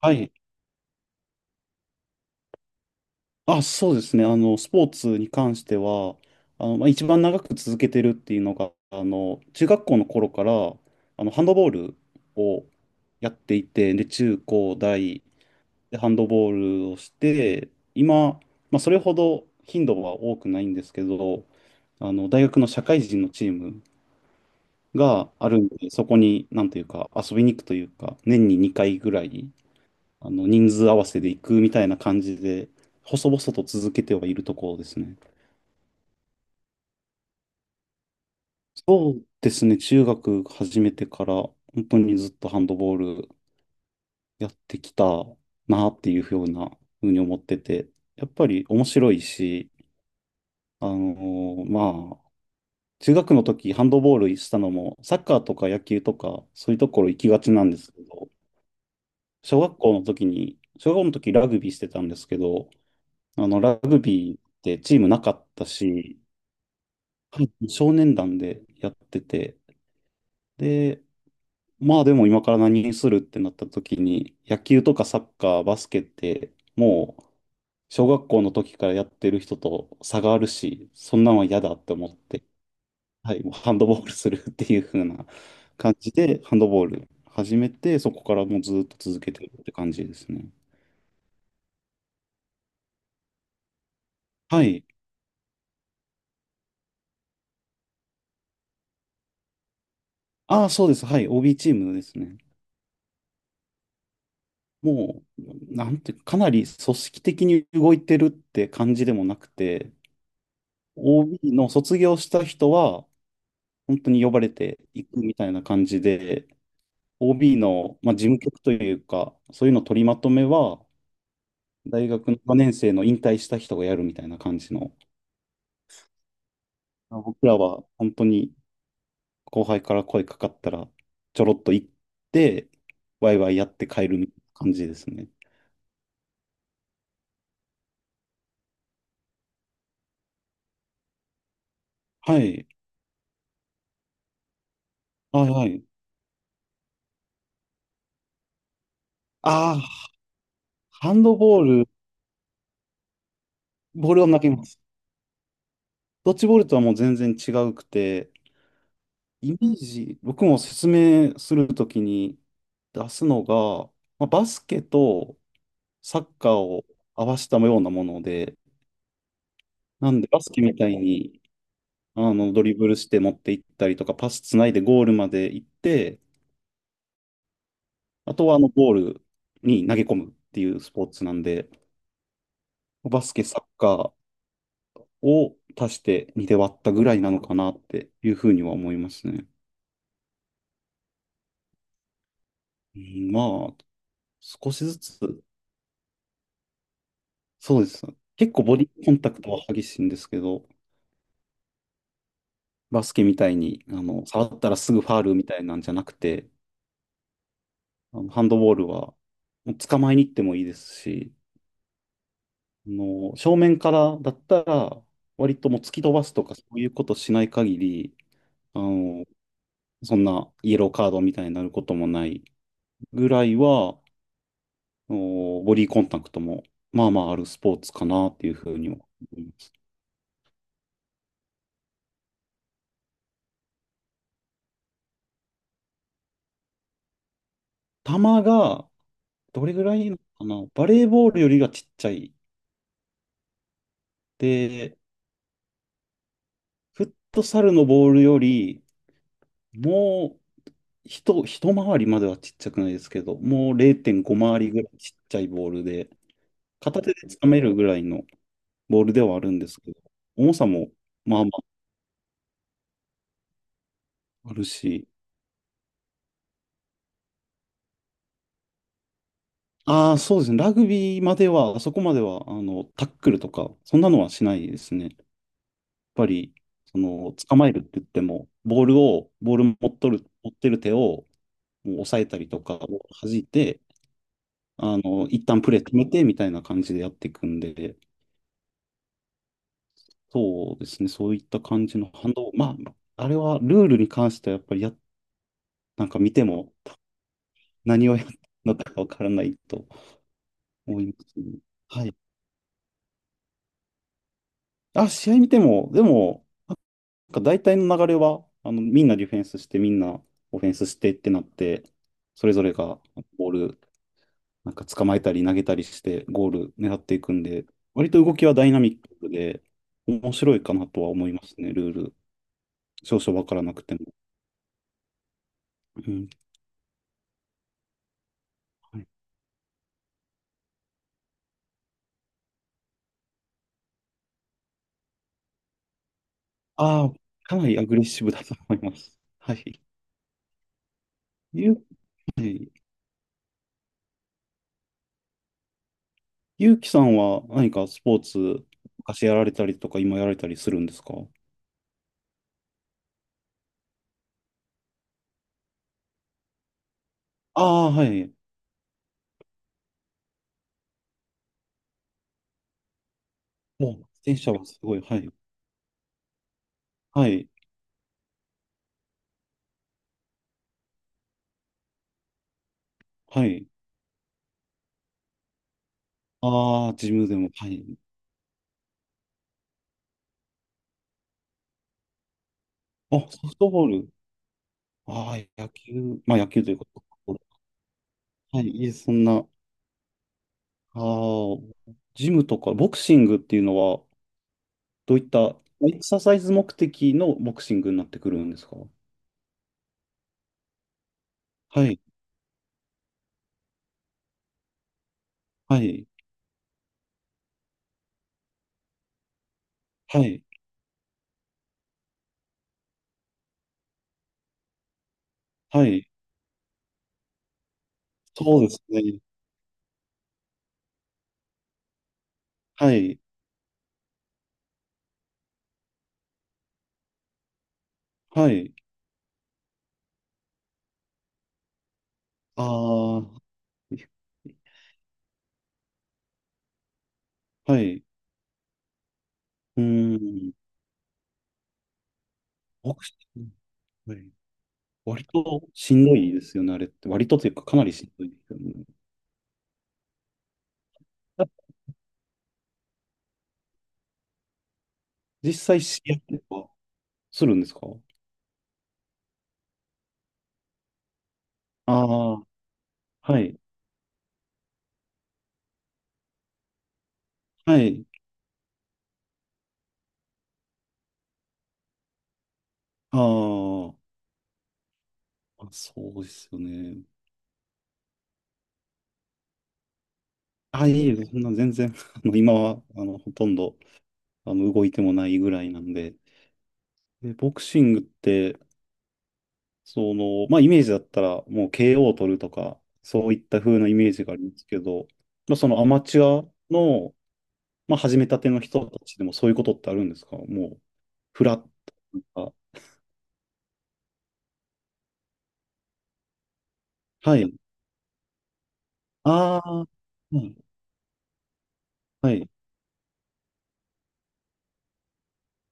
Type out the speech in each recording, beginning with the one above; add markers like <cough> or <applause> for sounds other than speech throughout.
はい。あ、そうですね。スポーツに関しては、まあ、一番長く続けてるっていうのが、中学校の頃から、ハンドボールをやっていて、で、中高大でハンドボールをして、今、まあ、それほど頻度は多くないんですけど、大学の社会人のチームがあるんで、そこに、なんというか、遊びに行くというか、年に2回ぐらい、人数合わせで行くみたいな感じで、細々と続けてはいるところですね。そうですね、中学始めてから、本当にずっとハンドボールやってきたなっていうふうに思ってて、やっぱり面白いし、あのまあ、中学の時ハンドボールしたのも、サッカーとか野球とか、そういうところ行きがちなんですけど、小学校の時ラグビーしてたんですけど、ラグビーってチームなかったし、はい、少年団でやってて、で、まあでも今から何にするってなった時に、野球とかサッカー、バスケって、もう小学校の時からやってる人と差があるし、そんなんは嫌だって思って、はい、もうハンドボールするっていう風な感じで、ハンドボール始めて、そこからもうずっと続けてるって感じですね。はい。ああ、そうです。はい。OB チームですね。もう、なんて、かなり組織的に動いてるって感じでもなくて、OB の卒業した人は、本当に呼ばれていくみたいな感じで、OB の、まあ、事務局というか、そういうの取りまとめは、大学の4年生の引退した人がやるみたいな感じの、僕らは本当に後輩から声かかったら、ちょろっと行って、ワイワイやって帰るみたいな感じですね。はい。はいはい。ああ、ハンドボール、ボールを投げます。ドッジボールとはもう全然違うくて、イメージ、僕も説明するときに出すのが、まあ、バスケとサッカーを合わせたようなもので、なんでバスケみたいにドリブルして持っていったりとか、パスつないでゴールまで行って、あとはゴールに投げ込むっていうスポーツなんで、バスケ、サッカーを足して2で割ったぐらいなのかなっていうふうには思いますね。うんまあ、少しずつ。そうです。結構ボディコンタクトは激しいんですけど、バスケみたいに、触ったらすぐファールみたいなんじゃなくて、ハンドボールは、もう捕まえに行ってもいいですし、正面からだったら、割ともう突き飛ばすとかそういうことしない限り、あの、そんなイエローカードみたいになることもないぐらいは、ボディコンタクトも、まあまああるスポーツかなっていうふうには思います。球が、どれぐらいなのかなバレーボールよりがちっちゃいで、フットサルのボールより、もう一回りまではちっちゃくないですけど、もう0.5回りぐらいちっちゃいボールで、片手でつかめるぐらいのボールではあるんですけど、重さもまあまああるし、ああ、そうですね、ラグビーまでは、あそこまでは、タックルとか、そんなのはしないですね。やっぱり、捕まえるって言っても、ボールを、ボール持っとる、持ってる手を、もう押さえたりとか、弾いて、一旦プレー止めてみたいな感じでやっていくんで、そうですね、そういった感じの反動、まあ、あれはルールに関してはやっぱり、なんか見ても何をやったのかわからないと思いますね。はい。あ、試合見ても、でも、なんか大体の流れは、みんなディフェンスして、みんなオフェンスしてってなって、それぞれがボール、なんか捕まえたり投げたりして、ゴール狙っていくんで、割と動きはダイナミックで、面白いかなとは思いますね、ルール。少々わからなくても。うん、はい、ああ、かなりアグレッシブだと思います。<laughs> はい。ゆう、はい、ゆうきさんは何かスポーツ、昔やられたりとか、今やられたりするんですか？ああ、はい。もう、自転車はすごい。はい。はい。はい。ああ、ジムでも。はい。あ、ソフトボール。ああ、野球。まあ、野球ということ。はい。いえ、そんな。ああ、ジムとか、ボクシングっていうのは、どういったエクササイズ目的のボクシングになってくるんですか？はい、はい、はい、はい、そうですね。はい、はい、ああ、はい、うーん、ボクシング、はい、割としんどいですよね、あれって。割とというか、かなりしんどいですよね。あ実際、試合とかするんですか？ああー、はい、はい、あーあ、そうですよね。あ、いいえ、そんな全然、<laughs> 今は、ほとんど、動いてもないぐらいなんで、で、ボクシングって、まあイメージだったらもう KO を取るとか、そういった風なイメージがありますけど、まあアマチュアの、まあ始めたての人たちでもそういうことってあるんですか？もう、フラットとか。はい。ああ、うん、はい。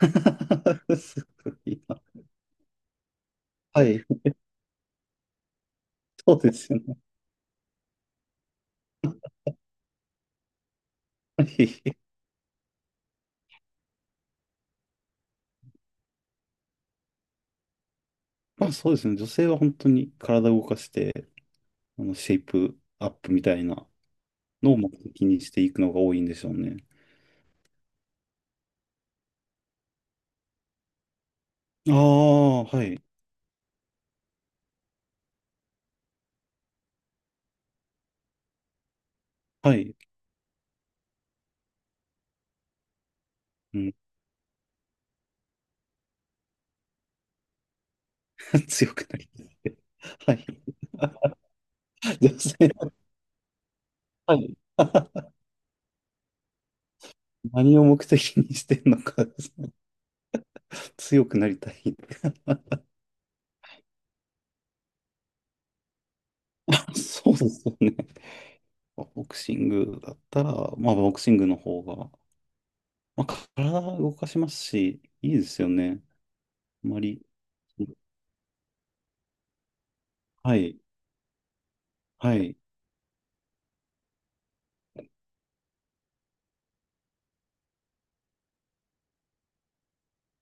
<laughs> すごいな。はい。そうですよね。はい。まあそうですね。女性は本当に体を動かして、シェイプアップみたいなのを目的にしていくのが多いんでしょうね。ああ、はい。はい。うん。 <laughs> 強くなりたいって。はい。女性、はい。<laughs> 何を目的にしてんのかですね、強くなりたいって。<laughs> そうですよね。ボクシングだったら、まあ、ボクシングの方が、まあ、体を動かしますし、いいですよね。あんまり、はい、はい。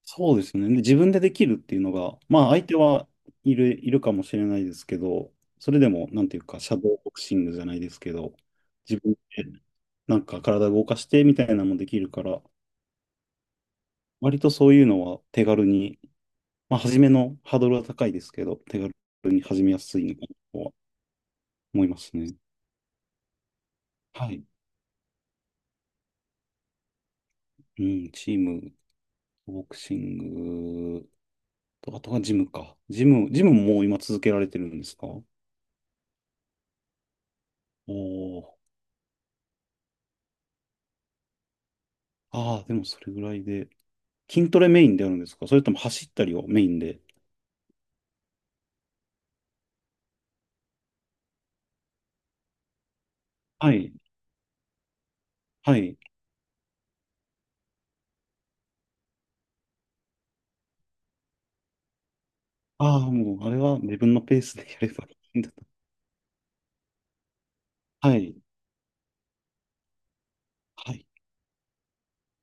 そうですね。で自分でできるっていうのが、まあ、相手はいるかもしれないですけど、それでも、なんていうか、シャドーボクシングじゃないですけど、自分でなんか体動かしてみたいなのもできるから、割とそういうのは手軽に、まあ、初めのハードルは高いですけど、手軽に始めやすいのかなとは思いますね。はい。うん、チーム、ボクシングと、あとはジムか。ジムももう今続けられてるんですか？おおー。ああ、でもそれぐらいで。筋トレメインであるんですか？それとも走ったりをメインで。はい。はい。ああ、もう、あれは自分のペースでやればいいんだと。はい。はい。